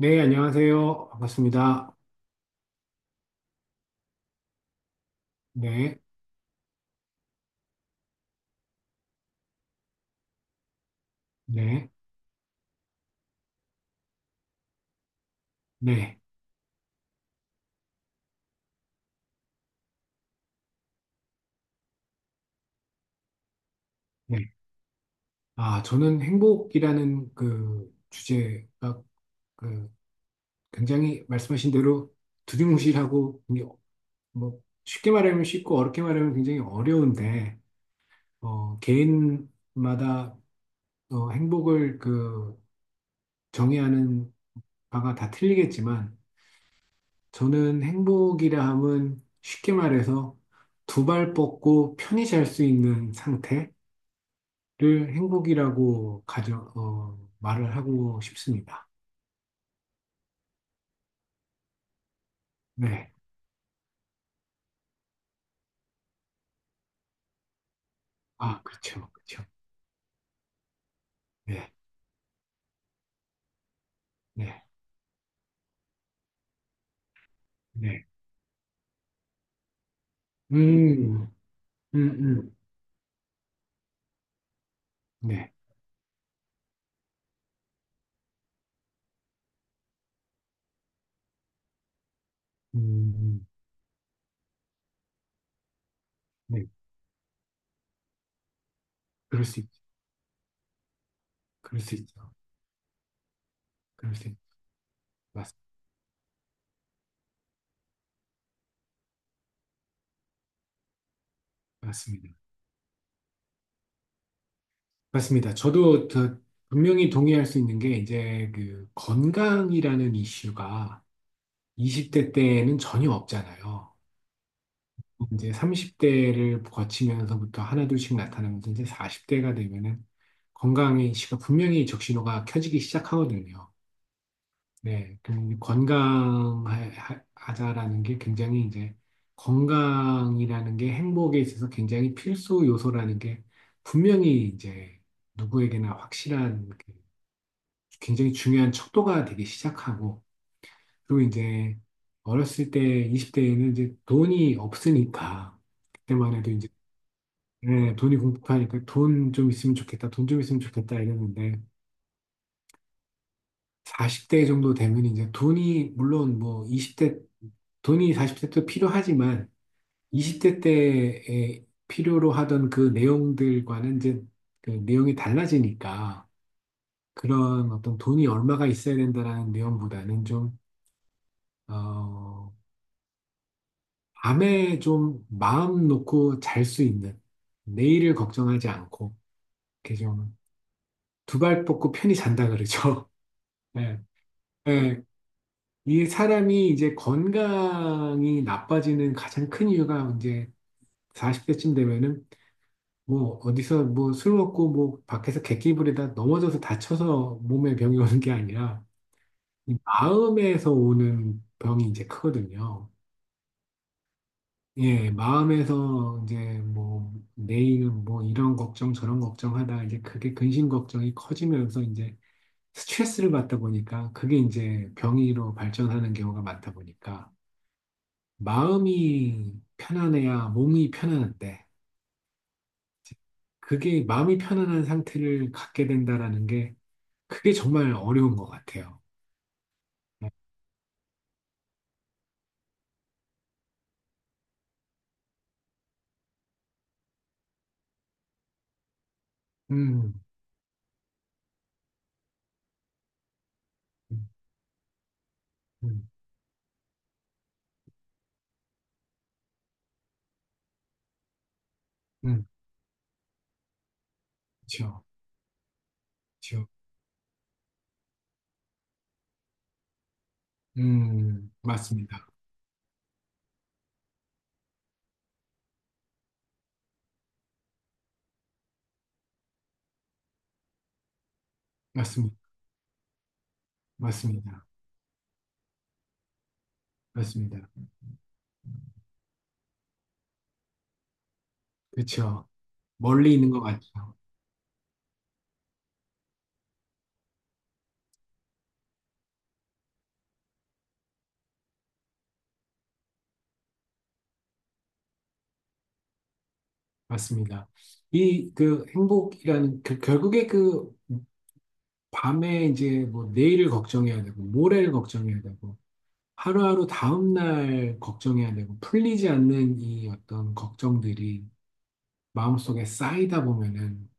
네, 안녕하세요. 반갑습니다. 네. 네. 네. 네. 아, 저는 행복이라는 그 주제가 그 굉장히 말씀하신 대로 두리뭉실하고 뭐 쉽게 말하면 쉽고 어렵게 말하면 굉장히 어려운데 개인마다 행복을 정의하는 바가 다 틀리겠지만 저는 행복이라 함은 쉽게 말해서 두 발 뻗고 편히 잘 수 있는 상태 를 행복이라고 말을 하고 싶습니다. 네. 아, 그렇죠. 그렇죠. 네. 네. 네. 음, 음, 음. 네. 음, 네. 그럴 수 있, 그럴 수 있죠. 그럴 수 있, 맞, 맞습니다. 맞습니다. 저도 분명히 동의할 수 있는 게 이제 그 건강이라는 이슈가 20대 때는 전혀 없잖아요. 이제 30대를 거치면서부터 하나둘씩 나타나면서 이제 40대가 되면은 건강의 시가 분명히 적신호가 켜지기 시작하거든요. 네, 그럼 건강하자라는 게 굉장히 이제 건강이라는 게 행복에 있어서 굉장히 필수 요소라는 게 분명히 이제 누구에게나 확실한 그 굉장히 중요한 척도가 되기 시작하고, 그리고 이제 어렸을 때 20대에는 이제 돈이 없으니까 그때만 해도, 네, 돈이 공급하니까 돈 좀 있으면 좋겠다, 돈 좀 있으면 좋겠다 이랬는데, 40대 정도 되면 이제 돈이, 물론 뭐 20대 돈이 40대 때 필요하지만 20대 때에 필요로 하던 그 내용들과는 이제 그 내용이 달라지니까, 그런 어떤 돈이 얼마가 있어야 된다라는 내용보다는 좀, 어, 밤에 좀 마음 놓고 잘 수 있는, 내일을 걱정하지 않고, 이렇게 좀 두 발 뻗고 편히 잔다 그러죠. 네. 네, 이 사람이 이제 건강이 나빠지는 가장 큰 이유가, 이제 40대쯤 되면은 뭐 어디서 뭐 술 먹고 뭐 밖에서 객기 부리다 넘어져서 다쳐서 몸에 병이 오는 게 아니라 이 마음에서 오는 병이 이제 크거든요. 예, 마음에서 이제 뭐 내일은 뭐 이런 걱정 저런 걱정하다 이제 그게 근심 걱정이 커지면서 이제 스트레스를 받다 보니까 그게 이제 병으로 발전하는 경우가 많다 보니까, 마음이 편안해야 몸이 편안한데, 그게 마음이 편안한 상태를 갖게 된다라는 게, 그게 정말 어려운 것 같아요. 네. 음, 음, 음, 음, 그렇죠, 그렇죠. 맞습니다. 맞습니다. 맞습니다. 맞습니다. 그렇죠. 멀리 있는 것 같죠. 맞습니다. 이 그 행복이라는 그, 결국에 그 밤에 이제 뭐 내일을 걱정해야 되고 모레를 걱정해야 되고 하루하루 다음날 걱정해야 되고, 풀리지 않는 이 어떤 걱정들이 마음속에 쌓이다 보면은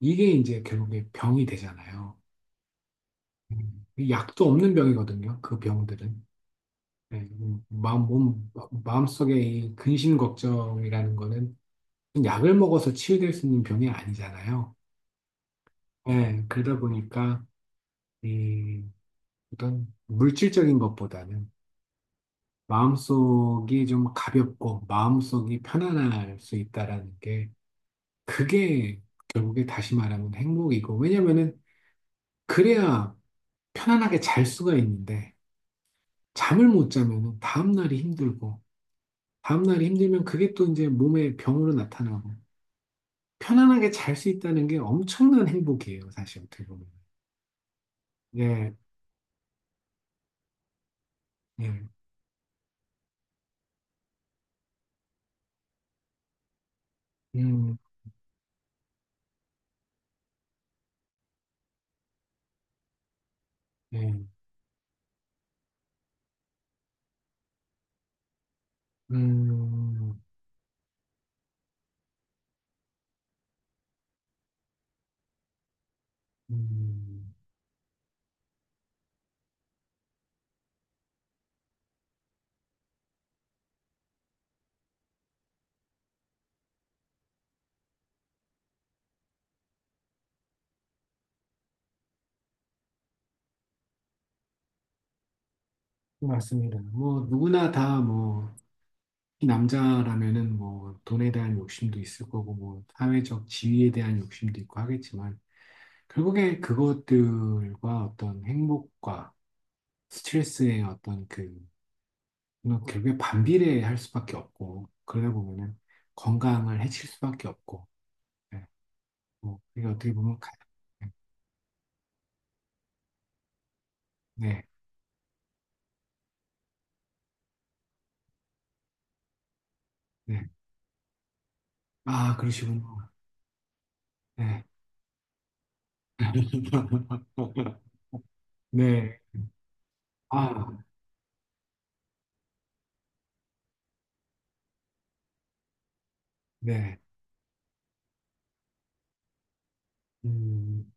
이게 이제 결국에 병이 되잖아요. 약도 없는 병이거든요, 그 병들은. 네, 마음, 몸, 마음속에 이 근심 걱정이라는 거는 약을 먹어서 치유될 수 있는 병이 아니잖아요. 네, 그러다 보니까 이 어떤 물질적인 것보다는 마음속이 좀 가볍고 마음속이 편안할 수 있다라는 게, 그게 결국에 다시 말하면 행복이고, 왜냐면은 그래야 편안하게 잘 수가 있는데, 잠을 못 자면은 다음날이 힘들고, 다음날이 힘들면 그게 또 이제 몸에 병으로 나타나고, 편안하게 잘 수 있다는 게 엄청난 행복이에요, 사실 어떻게 보면. 예, 예, 음, 예, 음, 음, 맞습니다. 뭐, 누구나 다 뭐, 특히 남자라면은 뭐, 돈에 대한 욕심도 있을 거고, 뭐, 사회적 지위에 대한 욕심도 있고 하겠지만, 결국에 그것들과 어떤 행복과 스트레스의 어떤 그, 뭐 결국에 반비례할 수밖에 없고, 그러다 보면은 건강을 해칠 수밖에 없고, 네. 뭐, 이게 어떻게 보면, 네, 네. 아, 그러시군요. 네. 네. 아, 네. 음,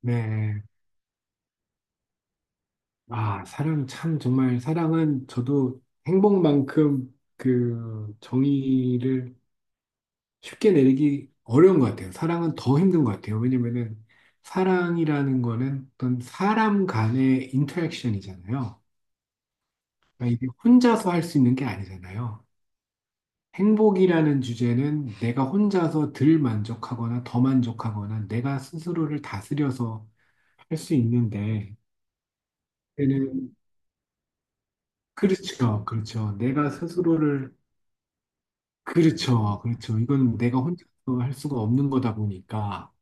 네. 아, 사랑 참 정말 사랑은 저도 행복만큼 그 정의를 쉽게 내리기 어려운 것 같아요. 사랑은 더 힘든 것 같아요. 왜냐면은 사랑이라는 거는 어떤 사람 간의 인터랙션이잖아요. 그러니까 이게 혼자서 할 수 있는 게 아니잖아요. 행복이라는 주제는 내가 혼자서 덜 만족하거나 더 만족하거나 내가 스스로를 다스려서 할 수 있는데, 얘는, 그렇죠, 그렇죠. 내가 스스로를, 그렇죠, 그렇죠. 이건 내가 혼자서 할 수가 없는 거다 보니까.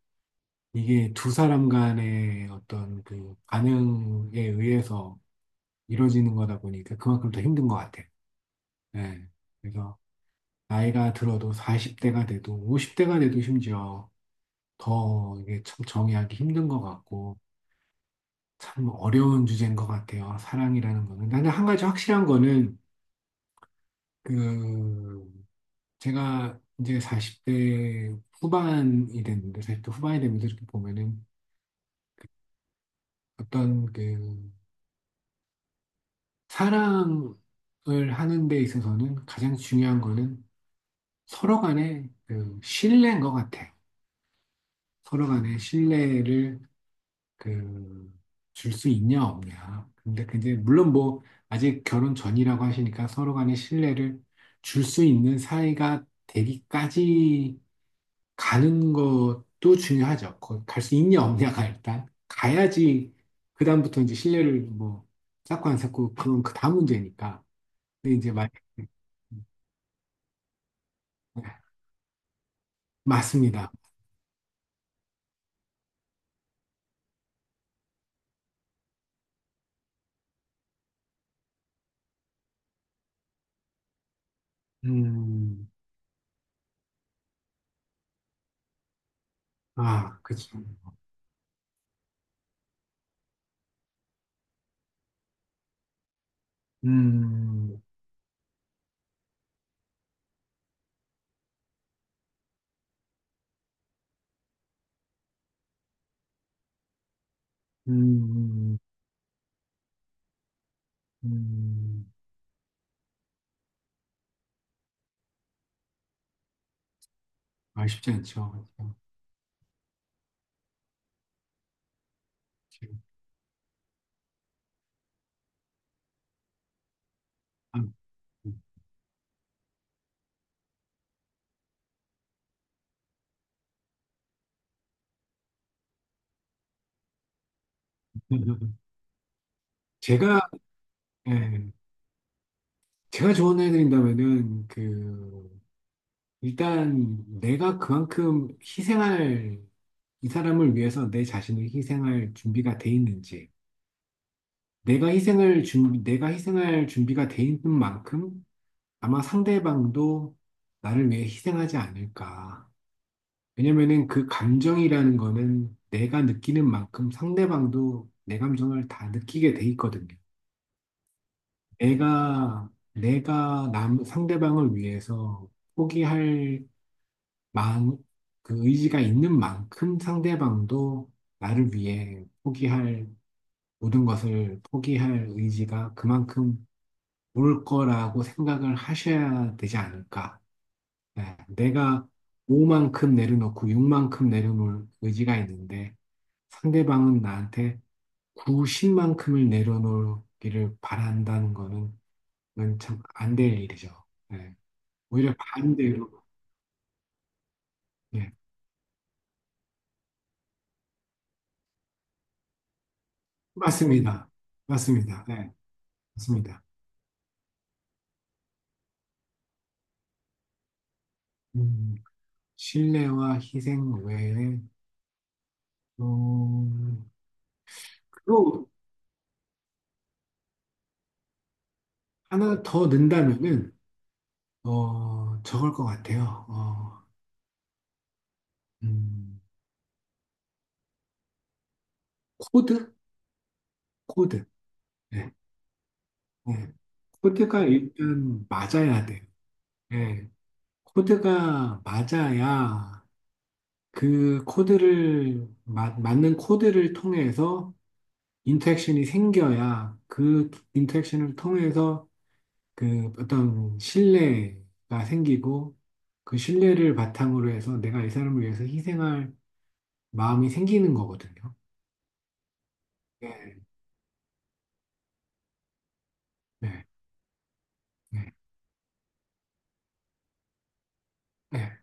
이게 두 사람 간의 어떤 그 반응에 의해서 이루어지는 거다 보니까 그만큼 더 힘든 것 같아요. 예. 그래서 나이가 들어도 40대가 돼도 50대가 돼도 심지어 더 이게 참 정의하기 힘든 것 같고, 참 어려운 주제인 것 같아요, 사랑이라는 거는. 나는 한 가지 확실한 거는 그 제가 이제 40대 후반이 됐는데, 40대 후반이 되면서 이렇게 보면은 어떤 그 사랑을 하는 데 있어서는 가장 중요한 거는 서로 간의 그 신뢰인 것 같아요. 서로 간의 신뢰를 그 줄 수 있냐 없냐. 근데 물론 뭐 아직 결혼 전이라고 하시니까 서로 간의 신뢰를 줄 수 있는 사이가 되기까지 가는 것도 중요하죠. 갈 수 있냐 없냐가, 일단 가야지 그다음부터 이제 신뢰를 뭐 쌓고 안 쌓고, 그건 그 다음 문제니까. 근데 이제 말, 네, 맞습니다. 음, 아, 그죠. 음, 음, 음, 말 쉽지 않죠. 그죠. 지금. 아, 음. 제가, 예, 제가 조언을 해드린다면은, 일단 내가 이 사람을 위해서 내 자신을 희생할 준비가 돼 있는지, 내가 희생을 준 내가 희생할 준비가 돼 있는 만큼 아마 상대방도 나를 위해 희생하지 않을까. 왜냐면은 그 감정이라는 거는 내가 느끼는 만큼 상대방도 내 감정을 다 느끼게 돼 있거든요. 내가 상대방을 위해서 포기할 마음, 그 의지가 있는 만큼 상대방도 나를 위해 포기할 모든 것을 포기할 의지가 그만큼 올 거라고 생각을 하셔야 되지 않을까. 네, 내가 5만큼 내려놓고 6만큼 내려놓을 의지가 있는데 상대방은 나한테 9, 10만큼을 내려놓기를 바란다는 거는, 그건 참 안될 일이죠. 네. 오히려 반대로, 네, 맞습니다. 맞습니다. 네, 맞습니다. 음, 신뢰와 희생 외에, 어, 또 하나 더 넣는다면은, 저걸 것 같아요. 음, 코드? 코드. 네, 네. 코드가 일단 맞아야 돼요. 네. 코드가 맞아야, 그 코드를, 맞는 코드를 통해서 인터랙션이 생겨야, 그 인터랙션을 통해서 그 어떤 신뢰가 생기고, 그 신뢰를 바탕으로 해서 내가 이 사람을 위해서 희생할 마음이 생기는 거거든요. 네, 네, 네, 네,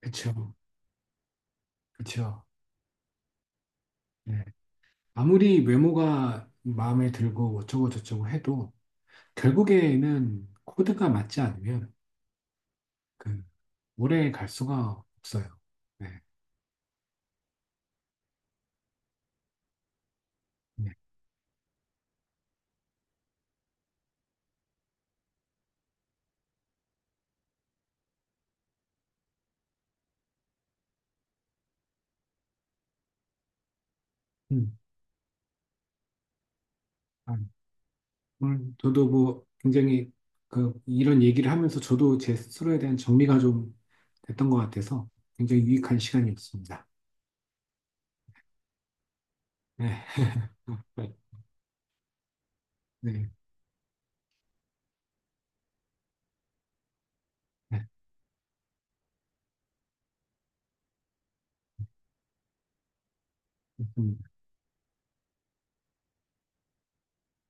그쵸, 그쵸. 네. 아무리 외모가 마음에 들고 어쩌고 저쩌고 해도 결국에는 코드가 맞지 않으면 그 오래 갈 수가 없어요. 네, 네. 음. 아, 오늘 저도 뭐 굉장히 그 이런 얘기를 하면서 저도 제 스스로에 대한 정리가 좀 됐던 것 같아서 굉장히 유익한 시간이었습니다. 네, 네, 네, 네,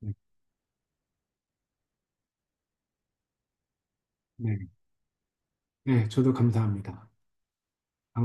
네, 네, 네. 저도 감사합니다.